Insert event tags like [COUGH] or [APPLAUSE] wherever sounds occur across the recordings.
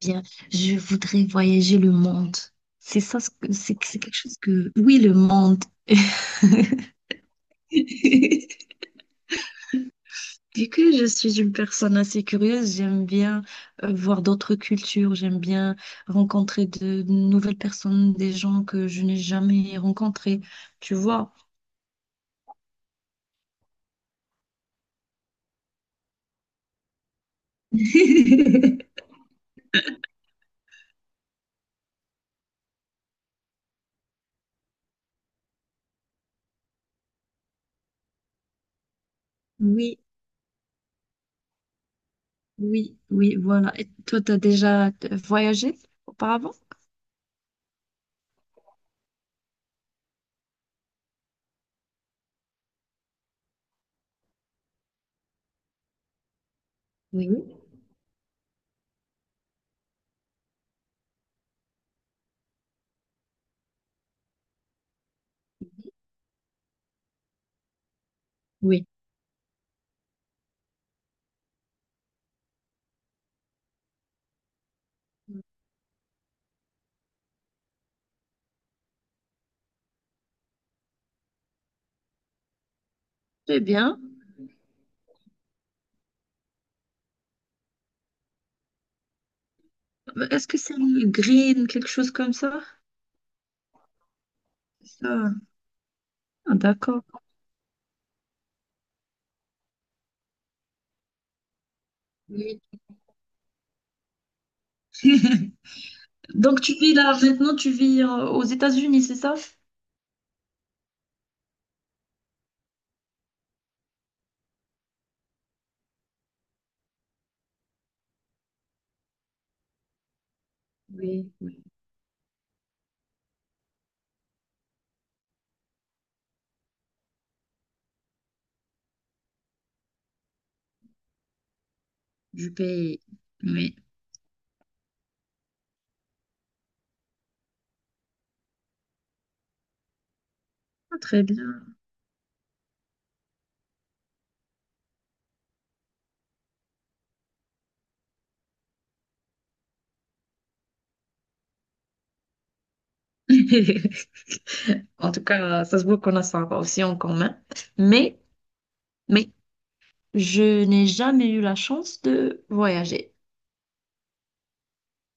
Bien, je voudrais voyager le monde. C'est ça, c'est quelque chose que... Oui, le monde. [LAUGHS] Vu que je suis une personne assez curieuse, j'aime bien voir d'autres cultures, j'aime bien rencontrer de nouvelles personnes, des gens que je n'ai jamais rencontrés, tu vois. [LAUGHS] Oui, oui, oui, voilà. Et toi, t'as déjà voyagé auparavant? Oui. Oui. Très bien. Est-ce que c'est le green, quelque chose comme ça? Ça. Ah, d'accord. Oui, [LAUGHS] donc tu vis là maintenant, tu vis aux États-Unis, c'est ça? Oui, oui, du pays. Oui. Ah, très bien. [LAUGHS] En tout cas, ça se voit qu'on a ça aussi en commun. Mais, mais, je n'ai jamais eu la chance de voyager.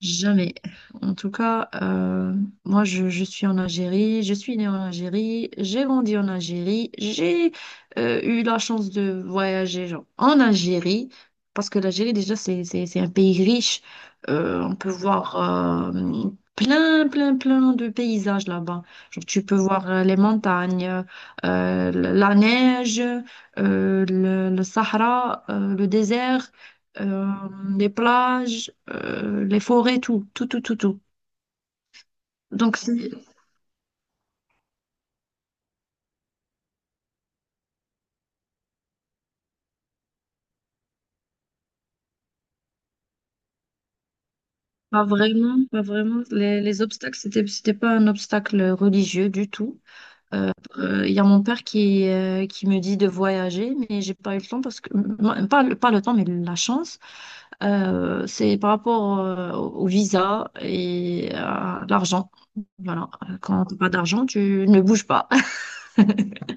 Jamais. En tout cas, moi, je suis en Algérie, je suis née en Algérie, j'ai grandi en Algérie, j'ai eu la chance de voyager genre, en Algérie, parce que l'Algérie, déjà, c'est un pays riche. On peut voir plein, plein, plein de paysages là-bas. Genre, tu peux voir les montagnes, euh, la neige, le Sahara, le désert euh, les plages, les forêts, tout, tout, tout, tout, tout. Donc, c'est pas vraiment, pas vraiment, les obstacles, c'était pas un obstacle religieux du tout. Il y a mon père qui me dit de voyager, mais j'ai pas eu le temps parce que, non, pas, pas le temps, mais la chance. C'est par rapport au visa et à l'argent. Voilà, quand t'as pas d'argent, tu ne bouges pas. [LAUGHS]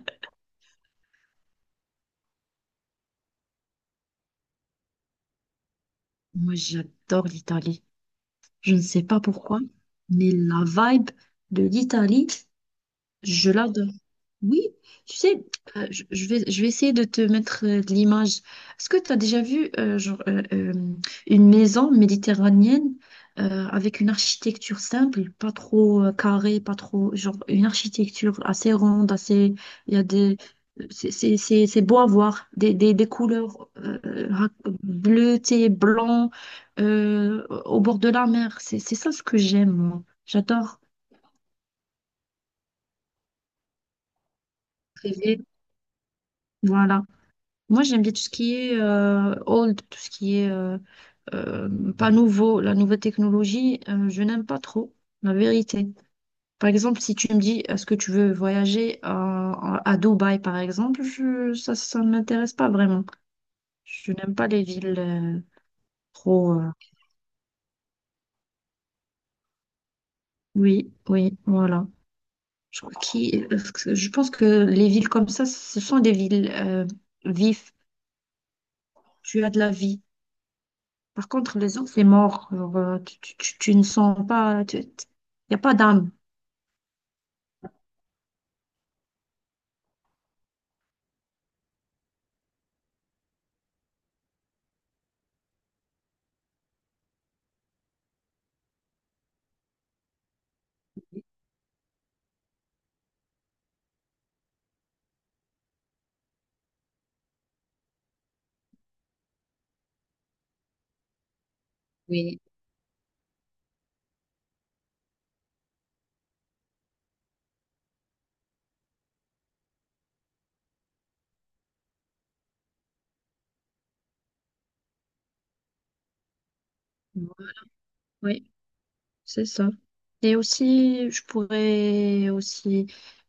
Moi, j'adore l'Italie. Je ne sais pas pourquoi, mais la vibe de l'Italie, je l'adore. Oui, tu sais, je vais essayer de te mettre de l'image. Est-ce que tu as déjà vu genre, une maison méditerranéenne avec une architecture simple, pas trop carrée, pas trop, genre une architecture assez ronde, assez, il y a des, c'est beau à voir, des couleurs rac- bleutées, blanc, au bord de la mer. C'est ça ce que j'aime, moi. J'adore rêver, voilà. Moi, j'aime bien tout ce qui est old, tout ce qui est pas nouveau, la nouvelle technologie, je n'aime pas trop, la vérité. Par exemple, si tu me dis, est-ce que tu veux voyager à Dubaï, par exemple, je, ça ne m'intéresse pas vraiment. Je n'aime pas les villes trop... oui, oui, voilà. Je crois parce que je pense que les villes comme ça, ce sont des villes vives. Tu as de la vie. Par contre, les autres, c'est mort. Genre, tu ne sens pas, il n'y a pas d'âme. Oui. Oui, c'est ça. Et aussi, je pourrais aussi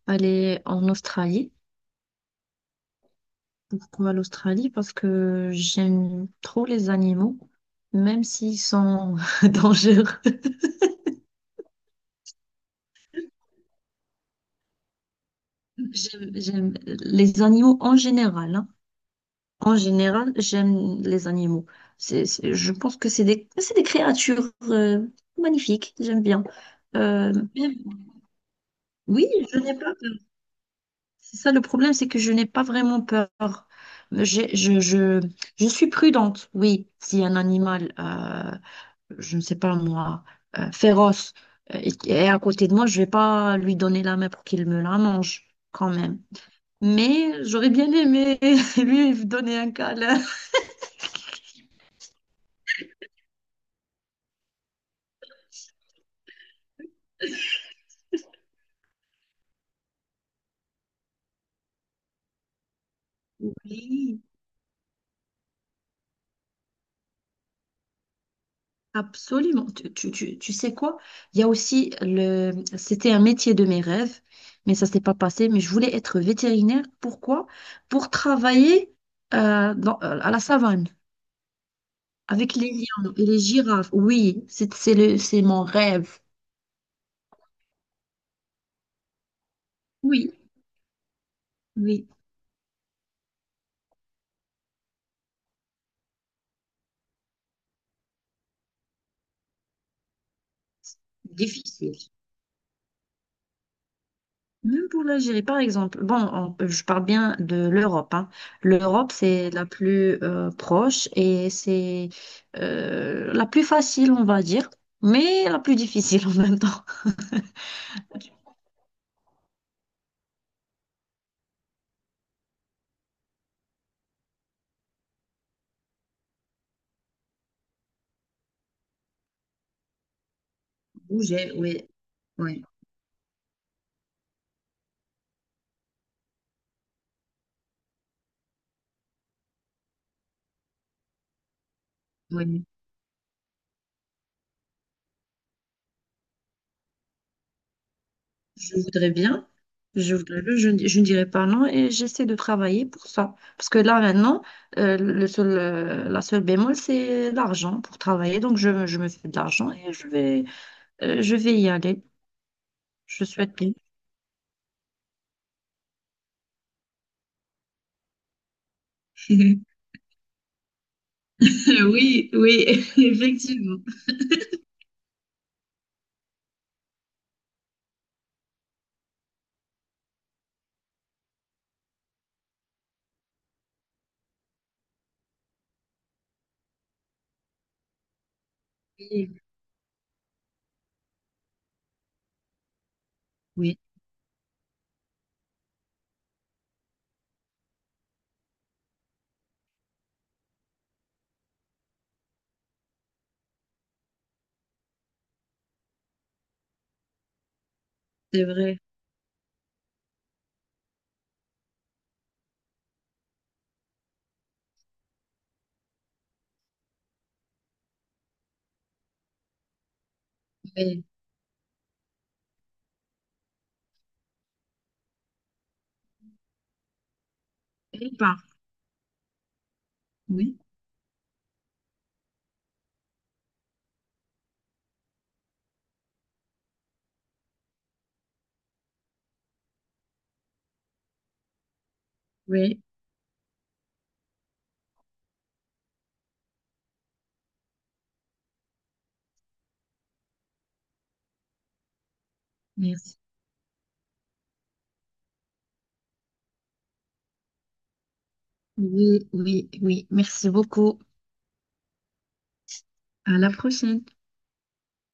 aller en Australie. Pourquoi l'Australie? Parce que j'aime trop les animaux, même s'ils sont [LAUGHS] dangereux. J'aime les animaux en général, hein. En général, j'aime les animaux. Je pense que c'est des créatures magnifiques. J'aime bien. Euh, bien- oui, je n'ai pas peur. C'est ça le problème, c'est que je n'ai pas vraiment peur. J'ai- Je, je, je suis prudente. Oui, si un animal, je ne sais pas moi, féroce est à côté de moi, je ne vais pas lui donner la main pour qu'il me la mange quand même. Mais j'aurais bien aimé [LAUGHS] lui donner un câlin. Oui. Absolument. Tu sais quoi? Il y a aussi le... C'était un métier de mes rêves, mais ça s'est pas passé. Mais je voulais être vétérinaire. Pourquoi? Pour travailler à la savane avec les lions et les girafes. Oui, c'est mon rêve. Oui, oui, difficile. Même pour l'Algérie, par exemple, bon, je parle bien de l'Europe, hein. L'Europe, c'est la plus proche et c'est la plus facile, on va dire, mais la plus difficile [LAUGHS] en même temps. Bouger, oui, oui, oui. Je voudrais bien, je voudrais bien, je ne dirais pas non et j'essaie de travailler pour ça. Parce que là, maintenant, la seule bémol, c'est l'argent pour travailler. Donc, je me fais de l'argent et je vais y aller. Je souhaite bien. [LAUGHS] [LAUGHS] Oui, oui, [LAUGHS] effectivement. Oui, oui, c'est vrai. Oui. Et pas. Oui, oui, merci. Oui, oui, oui. Merci beaucoup. À la prochaine.